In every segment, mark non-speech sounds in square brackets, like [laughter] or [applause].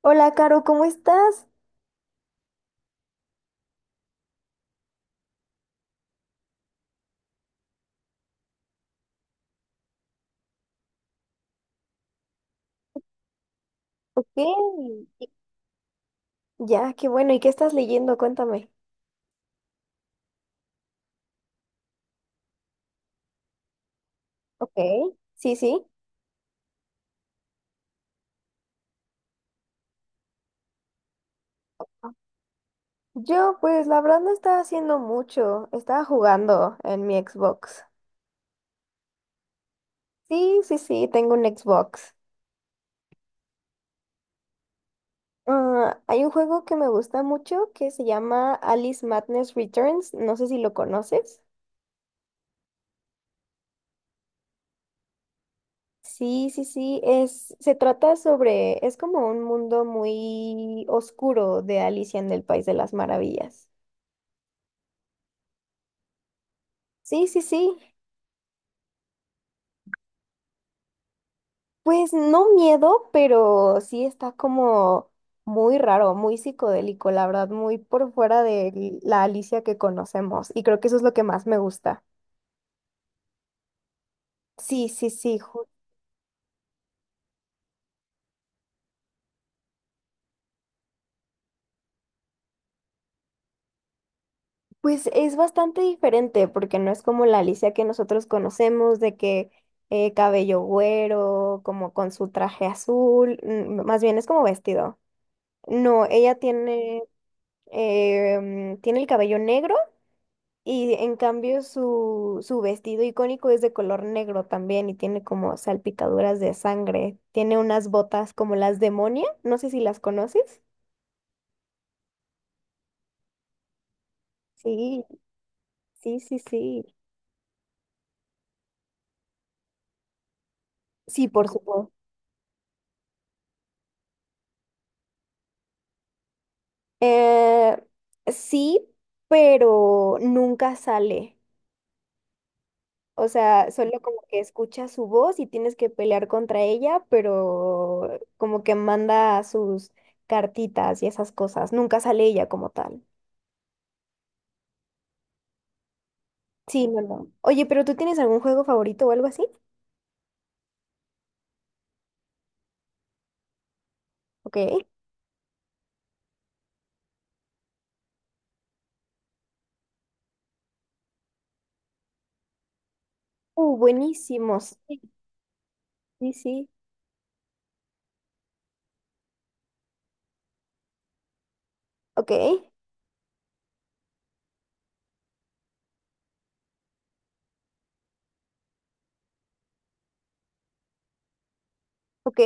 Hola, Caro, ¿cómo estás? Ok. Ya, qué bueno. ¿Y qué estás leyendo? Cuéntame. Ok. Sí, sí. Yo, pues, la verdad no estaba haciendo mucho. Estaba jugando en mi Xbox. Sí, sí, sí, tengo un Xbox. Ah, hay un juego que me gusta mucho que se llama Alice Madness Returns. No sé si lo conoces. Sí, sí, sí, se trata sobre, es como un mundo muy oscuro de Alicia en el País de las Maravillas. Sí, sí, sí. Pues no miedo, pero sí está como muy raro, muy psicodélico, la verdad, muy por fuera de la Alicia que conocemos. Y creo que eso es lo que más me gusta. Sí, sí, sí. ju- Pues es bastante diferente porque no es como la Alicia que nosotros conocemos, de que cabello güero, como con su traje azul, más bien es como vestido. No, ella tiene, tiene el cabello negro. Y en cambio su, su vestido icónico es de color negro también y tiene como salpicaduras de sangre. Tiene unas botas como las demonia, no sé si las conoces. Sí, sí, sí, sí. Sí, por supuesto. Eh, sí, pero nunca sale. O sea, solo como que escuchas su voz y tienes que pelear contra ella, pero como que manda sus cartitas y esas cosas. Nunca sale ella como tal. Sí, no, no. Oye, pero ¿tú tienes algún juego favorito o algo así? Ok. Buenísimos. Sí, sí, sí. Ok, ok.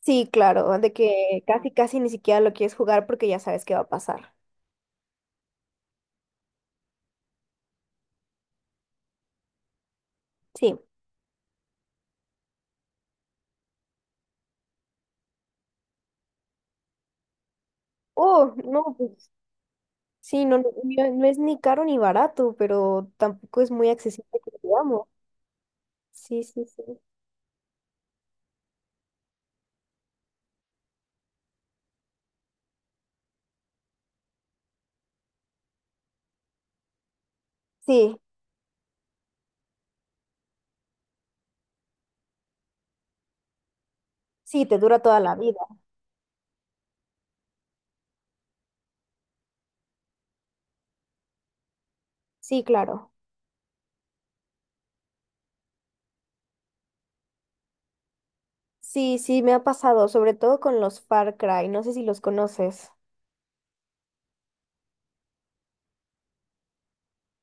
Sí, claro, de que casi, casi ni siquiera lo quieres jugar porque ya sabes qué va a pasar. Sí. Oh, no, pues sí, no, no, no es ni caro ni barato, pero tampoco es muy accesible que digamos. Sí, sí, sí. Sí, sí, te dura toda la vida. Sí, claro. Sí, sí, me ha pasado, sobre todo con los Far Cry. No sé si los conoces.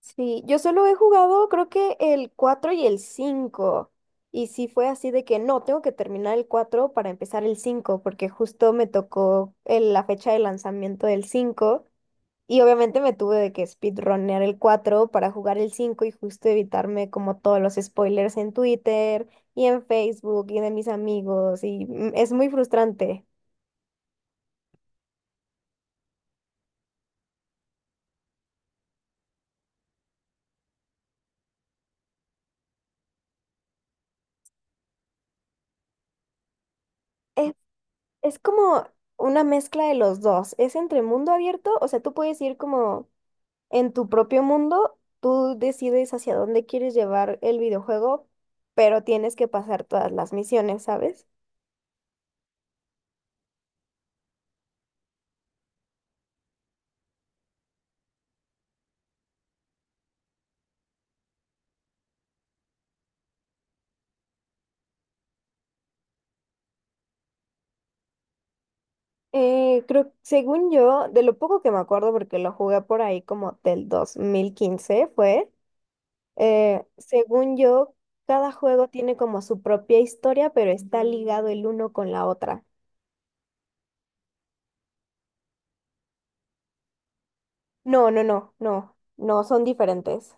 Sí, yo solo he jugado creo que el 4 y el cinco. Y sí fue así de que no, tengo que terminar el 4 para empezar el 5 porque justo me tocó la fecha de lanzamiento del cinco. Y obviamente me tuve de que speedrunner el 4 para jugar el 5 y justo evitarme como todos los spoilers en Twitter y en Facebook y de mis amigos. Y es muy frustrante. Es, es como una mezcla de los dos. Es entre mundo abierto, o sea, tú puedes ir como en tu propio mundo, tú decides hacia dónde quieres llevar el videojuego, pero tienes que pasar todas las misiones, ¿sabes? Creo, según yo, de lo poco que me acuerdo, porque lo jugué por ahí como del 2015, fue, según yo, cada juego tiene como su propia historia, pero está ligado el uno con la otra. No, no, no, no, no, son diferentes.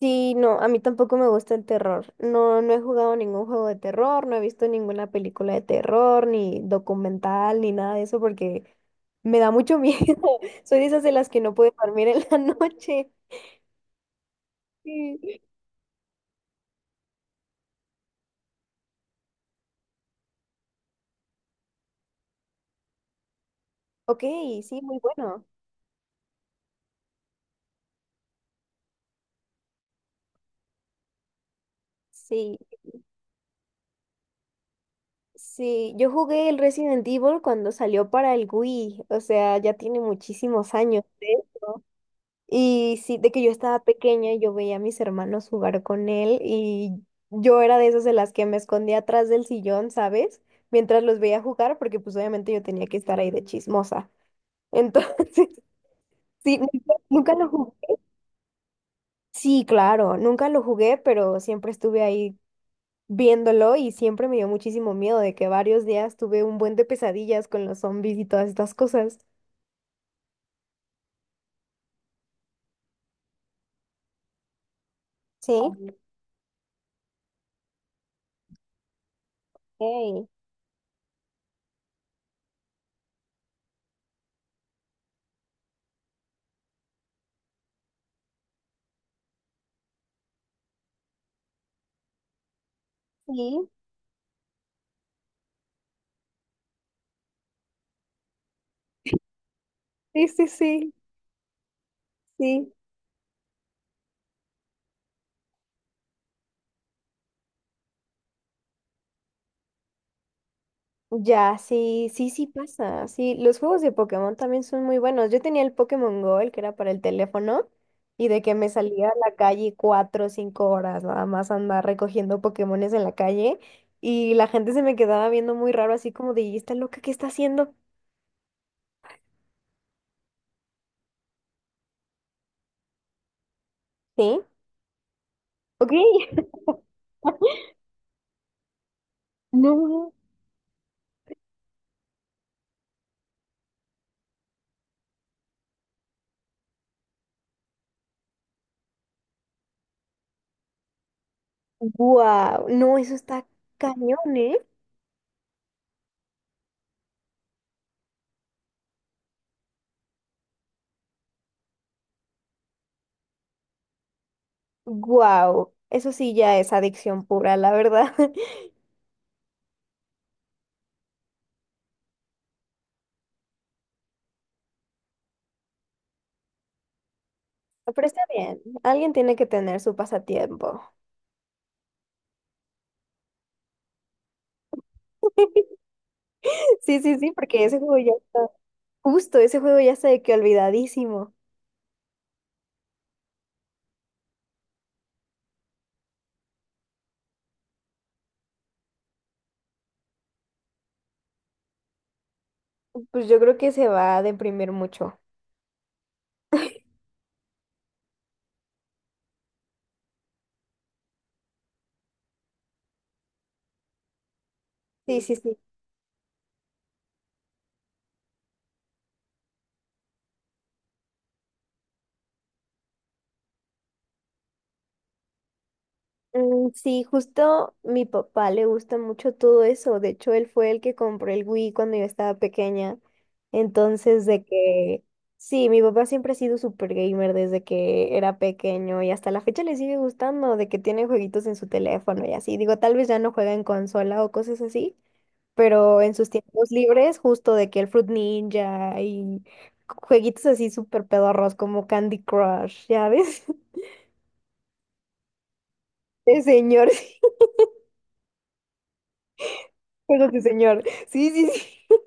Sí, no, a mí tampoco me gusta el terror. No, no he jugado ningún juego de terror, no he visto ninguna película de terror, ni documental, ni nada de eso, porque me da mucho miedo. [laughs] Soy de esas de las que no puede dormir en la noche. Sí. Ok, sí, muy bueno. Sí, sí, yo jugué el Resident Evil cuando salió para el Wii, o sea, ya tiene muchísimos años. Y sí, de que yo estaba pequeña, yo veía a mis hermanos jugar con él y yo era de esas de las que me escondía atrás del sillón, ¿sabes? Mientras los veía jugar, porque pues obviamente yo tenía que estar ahí de chismosa. Entonces, [laughs] sí, nunca, nunca lo jugué. Sí, claro, nunca lo jugué, pero siempre estuve ahí viéndolo y siempre me dio muchísimo miedo de que varios días tuve un buen de pesadillas con los zombies y todas estas cosas. Sí. Ok. Sí. Sí. Ya, sí, sí, sí pasa. Sí, los juegos de Pokémon también son muy buenos. Yo tenía el Pokémon Go, el que era para el teléfono, y de que me salía a la calle 4 o 5 horas nada más a andar recogiendo Pokémones en la calle, y la gente se me quedaba viendo muy raro, así como de, ¿y esta loca qué está haciendo? Sí, ok. [laughs] No, wow, no, eso está cañón, ¿eh? Wow, eso sí ya es adicción pura, la verdad. [laughs] Pero está bien, alguien tiene que tener su pasatiempo. [laughs] Sí, sí, sí, porque ese juego ya está, justo ese juego ya está de que olvidadísimo. Pues yo creo que se va a deprimir mucho. Sí, sí, sí. Sí, justo mi papá le gusta mucho todo eso. De hecho, él fue el que compró el Wii cuando yo estaba pequeña. Entonces, de que sí, mi papá siempre ha sido super gamer desde que era pequeño y hasta la fecha le sigue gustando de que tiene jueguitos en su teléfono y así. Digo, tal vez ya no juega en consola o cosas así, pero en sus tiempos libres, justo de que el Fruit Ninja y jueguitos así súper pedorros como Candy Crush, ¿ya ves? [laughs] De señor, sí, juegos de señor. Sí, sí, sí.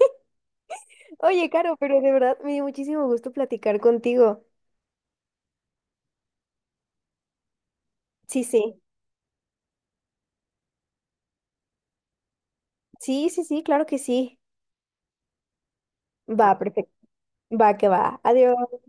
[laughs] Oye, Caro, pero de verdad me dio muchísimo gusto platicar contigo. Sí, sí. Sí, sí, sí, claro que sí. Va, perfecto. Va, que va. Adiós.